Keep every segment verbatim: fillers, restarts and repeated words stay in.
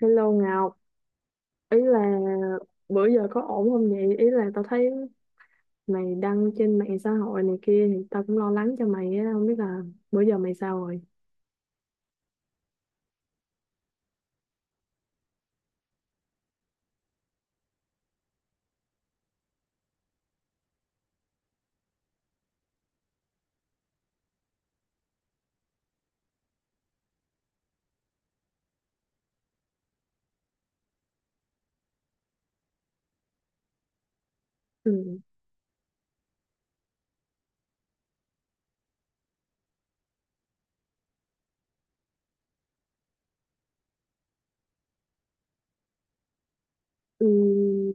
Hello Ngọc, ý là bữa giờ có ổn không vậy? Ý là tao thấy mày đăng trên mạng xã hội này kia thì tao cũng lo lắng cho mày á, không biết là bữa giờ mày sao rồi. Ừ. Ừ.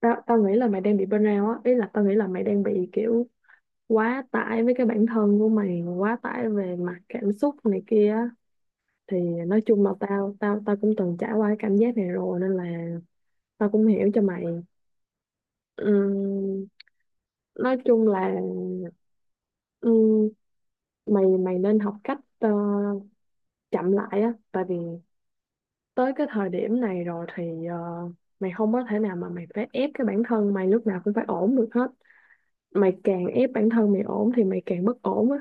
Tao tao nghĩ là mày đang bị burnout á, ý là tao nghĩ là mày đang bị kiểu quá tải với cái bản thân của mày, quá tải về mặt cảm xúc này kia á. Thì nói chung là tao tao tao cũng từng trải qua cái cảm giác này rồi nên là tao cũng hiểu cho mày. Ừ. Nói chung là ừ, mày mày nên học cách ờ, chậm lại á, tại vì tới cái thời điểm này rồi thì ờ, mày không có thể nào mà mày phải ép cái bản thân mày lúc nào cũng phải ổn được hết. Mày càng ép bản thân mày ổn thì mày càng bất ổn á.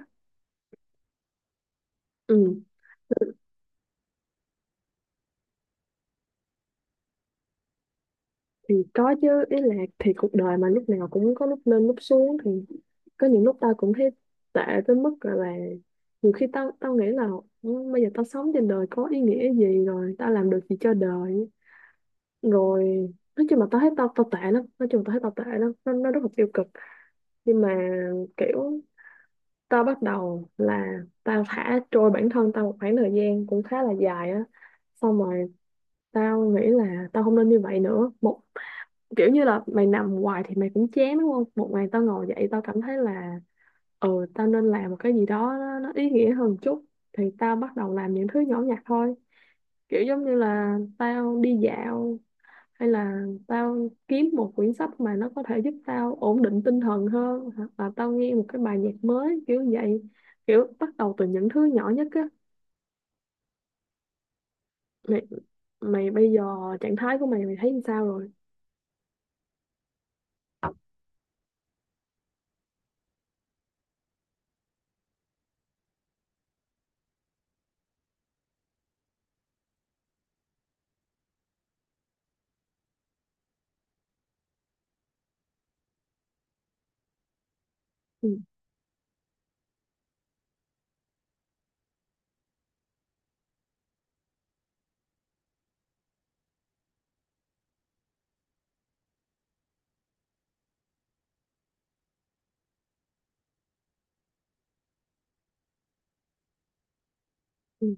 Ừ thì có chứ, ý là thì cuộc đời mà lúc nào cũng có lúc lên lúc xuống thì có những lúc tao cũng thấy tệ tới mức gọi là nhiều khi tao tao nghĩ là: "Ừ, bây giờ tao sống trên đời có ý nghĩa gì, rồi tao làm được gì cho đời, rồi nói chung là tao thấy tao tao tệ lắm, nói chung tao thấy tao tệ lắm. nó, nó rất là tiêu cực. Nhưng mà kiểu tao bắt đầu là tao thả trôi bản thân tao một khoảng thời gian cũng khá là dài á, xong rồi tao nghĩ là tao không nên như vậy nữa. Một kiểu như là mày nằm hoài thì mày cũng chán đúng không, một ngày tao ngồi dậy tao cảm thấy là ừ, tao nên làm một cái gì đó nó, nó ý nghĩa hơn một chút. Thì tao bắt đầu làm những thứ nhỏ nhặt thôi, kiểu giống như là tao đi dạo, hay là tao kiếm một quyển sách mà nó có thể giúp tao ổn định tinh thần hơn, hoặc là tao nghe một cái bài nhạc mới kiểu vậy. Kiểu bắt đầu từ những thứ nhỏ nhất á. Mày, mày bây giờ trạng thái của mày mày thấy như sao rồi? Ừ. Ừ.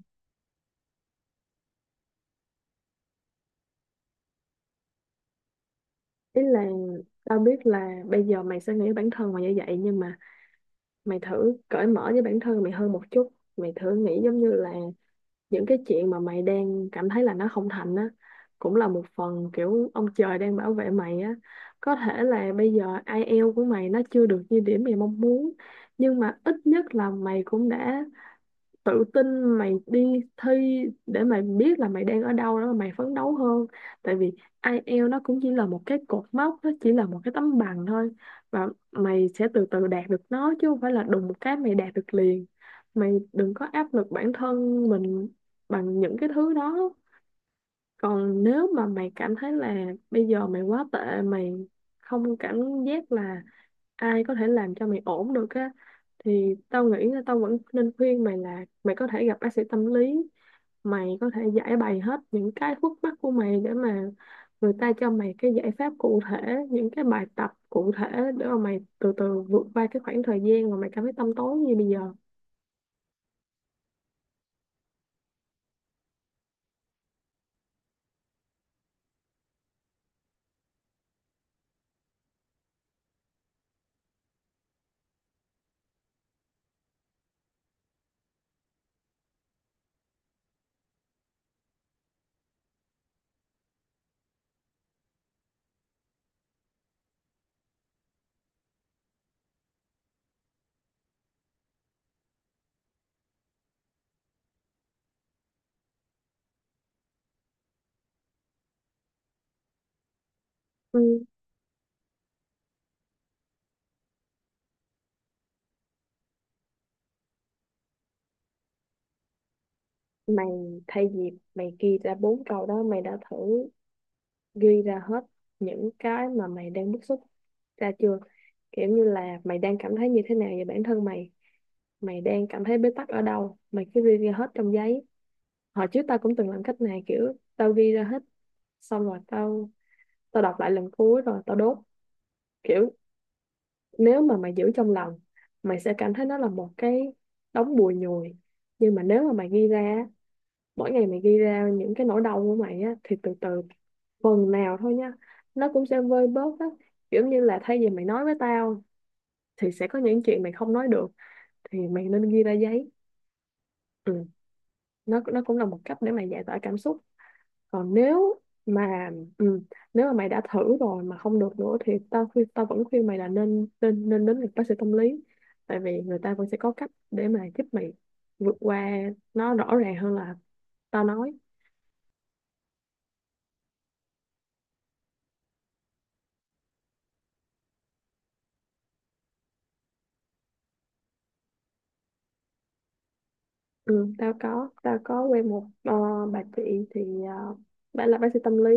ý là tao biết là bây giờ mày sẽ nghĩ bản thân mày như vậy nhưng mà mày thử cởi mở với bản thân mày hơn một chút. Mày thử nghĩ giống như là những cái chuyện mà mày đang cảm thấy là nó không thành á cũng là một phần kiểu ông trời đang bảo vệ mày á. Có thể là bây giờ ai eo của mày nó chưa được như điểm mày mong muốn, nhưng mà ít nhất là mày cũng đã tự tin mày đi thi để mày biết là mày đang ở đâu, đó mày phấn đấu hơn. Tại vì ai eo nó cũng chỉ là một cái cột mốc, nó chỉ là một cái tấm bằng thôi, và mày sẽ từ từ đạt được nó chứ không phải là đùng một cái mày đạt được liền. Mày đừng có áp lực bản thân mình bằng những cái thứ đó. Còn nếu mà mày cảm thấy là bây giờ mày quá tệ, mày không cảm giác là ai có thể làm cho mày ổn được á, thì tao nghĩ là tao vẫn nên khuyên mày là mày có thể gặp bác sĩ tâm lý. Mày có thể giải bày hết những cái khúc mắc của mày để mà người ta cho mày cái giải pháp cụ thể, những cái bài tập cụ thể, để mà mày từ từ vượt qua cái khoảng thời gian mà mày cảm thấy tăm tối như bây giờ. Ừ, mày thay vì mày ghi ra bốn câu đó, mày đã thử ghi ra hết những cái mà mày đang bức xúc ra chưa? Kiểu như là mày đang cảm thấy như thế nào về bản thân mày, mày đang cảm thấy bế tắc ở đâu, mày cứ ghi ra hết trong giấy. Hồi trước tao cũng từng làm cách này, kiểu tao ghi ra hết xong rồi tao tao đọc lại lần cuối rồi tao đốt. Kiểu nếu mà mày giữ trong lòng mày sẽ cảm thấy nó là một cái đống bùi nhùi, nhưng mà nếu mà mày ghi ra á, mỗi ngày mày ghi ra những cái nỗi đau của mày á thì từ từ, phần nào thôi nha, nó cũng sẽ vơi bớt á. Kiểu như là thay vì mày nói với tao thì sẽ có những chuyện mày không nói được, thì mày nên ghi ra giấy. Ừ, nó nó cũng là một cách để mày giải tỏa cảm xúc. Còn nếu mà ừ, nếu mà mày đã thử rồi mà không được nữa thì tao khuyên, tao vẫn khuyên mày là nên nên nên đến gặp bác sĩ tâm lý. Tại vì người ta vẫn sẽ có cách để mà giúp mày vượt qua, nó rõ ràng hơn là tao nói. Ừ, tao có tao có quen một ờ, bà chị, thì uh, bà là bác sĩ tâm lý.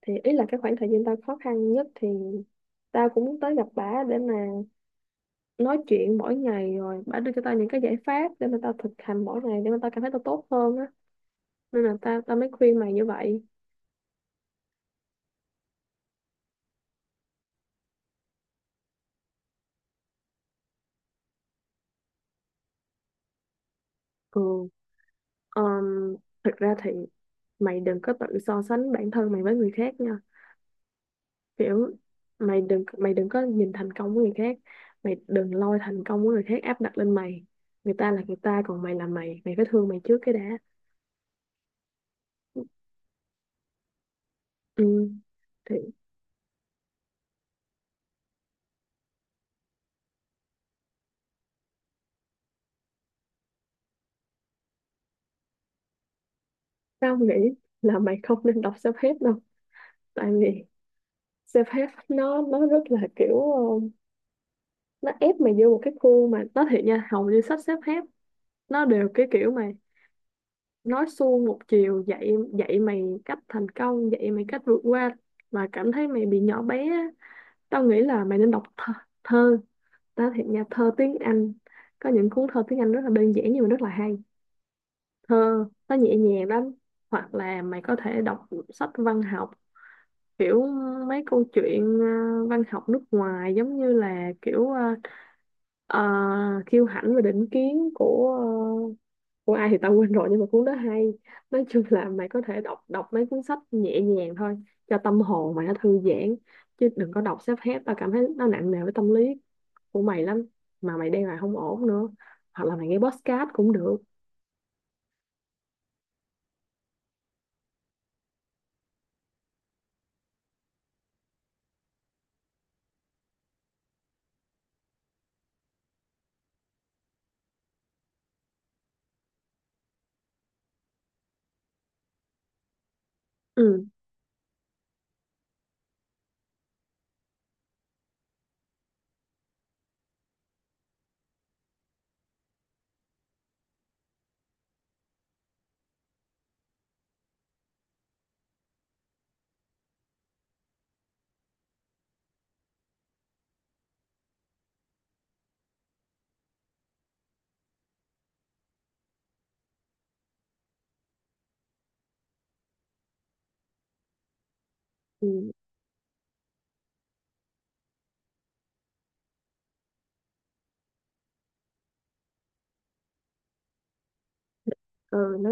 Thì ý là cái khoảng thời gian tao khó khăn nhất thì tao cũng muốn tới gặp bà để mà nói chuyện mỗi ngày, rồi bà đưa cho tao những cái giải pháp để mà tao thực hành mỗi ngày để mà tao cảm thấy tao tốt hơn á. Nên là tao tao mới khuyên mày như vậy. Ừ. um, Thực ra thì mày đừng có tự so sánh bản thân mày với người khác nha. Kiểu mày đừng mày đừng có nhìn thành công của người khác, mày đừng lôi thành công của người khác áp đặt lên mày. Người ta là người ta, còn mày là mày, mày phải thương mày trước cái đã. Ừ. Thì tao nghĩ là mày không nên đọc self-help đâu. Tại vì self-help nó nó rất là kiểu nó ép mày vô một cái khuôn, mà nó thiệt nha, hầu như sách xếp hết nó đều cái kiểu mà nói suông một chiều, dạy dạy mày cách thành công, dạy mày cách vượt qua, mà cảm thấy mày bị nhỏ bé á. Tao nghĩ là mày nên đọc thơ, thơ. Tao thiệt nha, thơ tiếng Anh, có những cuốn thơ tiếng Anh rất là đơn giản nhưng mà rất là hay. Thơ nó nhẹ nhàng lắm. Hoặc là mày có thể đọc sách văn học, kiểu mấy câu chuyện ờ, văn học nước ngoài, giống như là kiểu ờ, Ờ, kiêu hãnh và định kiến của ờ, của ai thì tao quên rồi, nhưng mà cuốn đó hay. Nói chung là mày có thể đọc đọc mấy cuốn sách nhẹ nhàng thôi cho tâm hồn mày nó thư giãn, chứ đừng có đọc self help, tao cảm thấy nó nặng nề với tâm lý của mày lắm, mà mày đang là không ổn nữa. Hoặc là mày nghe podcast cũng được. Ừ. Ừ. Ừ, nó,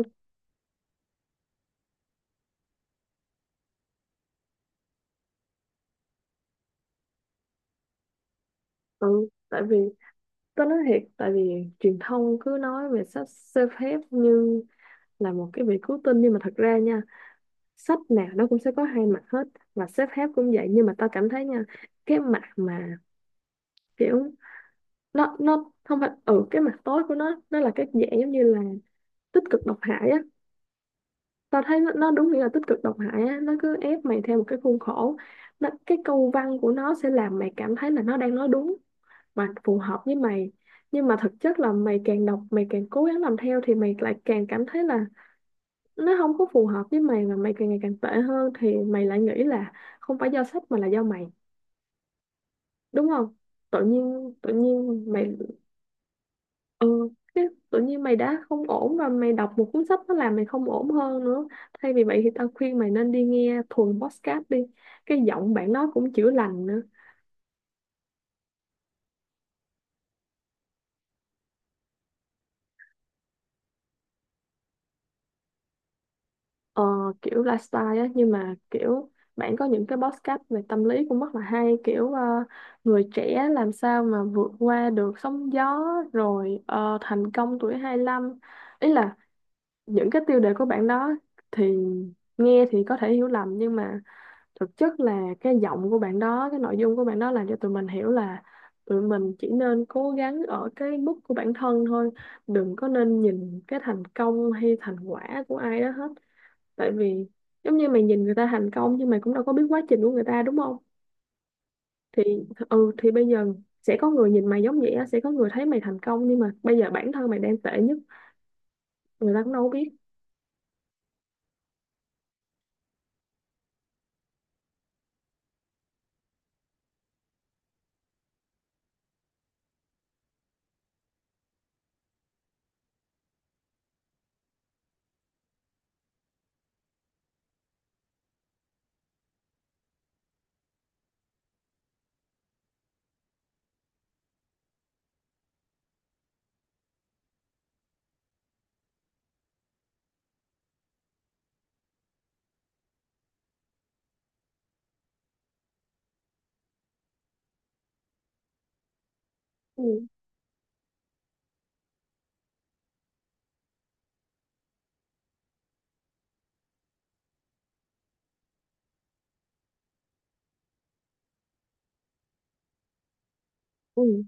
ừ, tại vì tao nói thiệt, tại vì truyền thông cứ nói về sách self help như là một cái việc cứu tinh, nhưng mà thật ra nha, sách nào nó cũng sẽ có hai mặt hết, và sếp phép cũng vậy. Nhưng mà tao cảm thấy nha, cái mặt mà kiểu nó nó không phải ừ, cái mặt tối của nó nó là cái dạng giống như là tích cực độc hại á. Tao thấy nó, nó đúng nghĩa là tích cực độc hại á, nó cứ ép mày theo một cái khuôn khổ. Nó, cái câu văn của nó sẽ làm mày cảm thấy là nó đang nói đúng và phù hợp với mày, nhưng mà thực chất là mày càng đọc mày càng cố gắng làm theo thì mày lại càng cảm thấy là nó không có phù hợp với mày, mà mày càng ngày càng tệ hơn thì mày lại nghĩ là không phải do sách mà là do mày, đúng không? Tự nhiên tự nhiên mày ừ cái tự nhiên mày đã không ổn rồi, mày đọc một cuốn sách nó làm mày không ổn hơn nữa. Thay vì vậy thì tao khuyên mày nên đi nghe thuần podcast đi, cái giọng bạn đó cũng chữa lành nữa. Ờ, kiểu lifestyle á, nhưng mà kiểu bạn có những cái podcast về tâm lý cũng rất là hay, kiểu ờ, người trẻ làm sao mà vượt qua được sóng gió, rồi ờ, thành công tuổi hai lăm. Ý là những cái tiêu đề của bạn đó thì nghe thì có thể hiểu lầm, nhưng mà thực chất là cái giọng của bạn đó, cái nội dung của bạn đó làm cho tụi mình hiểu là tụi mình chỉ nên cố gắng ở cái mức của bản thân thôi, đừng có nên nhìn cái thành công hay thành quả của ai đó hết. Tại vì giống như mày nhìn người ta thành công nhưng mày cũng đâu có biết quá trình của người ta, đúng không? Thì ừ, thì bây giờ sẽ có người nhìn mày giống vậy á, sẽ có người thấy mày thành công nhưng mà bây giờ bản thân mày đang tệ nhất, người ta cũng đâu có biết. Ừ. Ừ.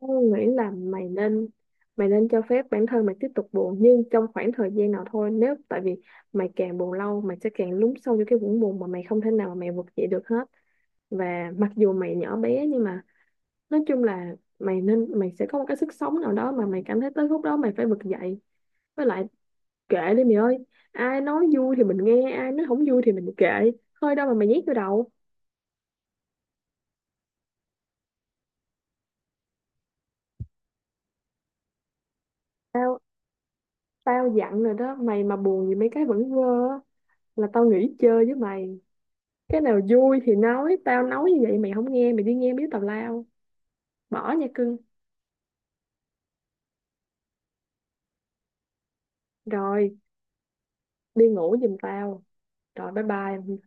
Tôi nghĩ là mày nên mày nên cho phép bản thân mày tiếp tục buồn, nhưng trong khoảng thời gian nào thôi, nếu tại vì mày càng buồn lâu mày sẽ càng lún sâu vô cái vũng buồn mà mày không thể nào mà mày vực dậy được hết. Và mặc dù mày nhỏ bé nhưng mà nói chung là mày nên, mày sẽ có một cái sức sống nào đó mà mày cảm thấy tới lúc đó mày phải vực dậy. Với lại kệ đi mày ơi, ai nói vui thì mình nghe, ai nói không vui thì mình kệ thôi, đâu mà mày nhét vô đầu. Tao tao dặn rồi đó, mày mà buồn vì mấy cái vẫn vơ á, là tao nghỉ chơi với mày. Cái nào vui thì nói, tao nói như vậy mày không nghe mày đi nghe biết tào lao, bỏ nha cưng. Rồi đi ngủ giùm tao, rồi bye bye.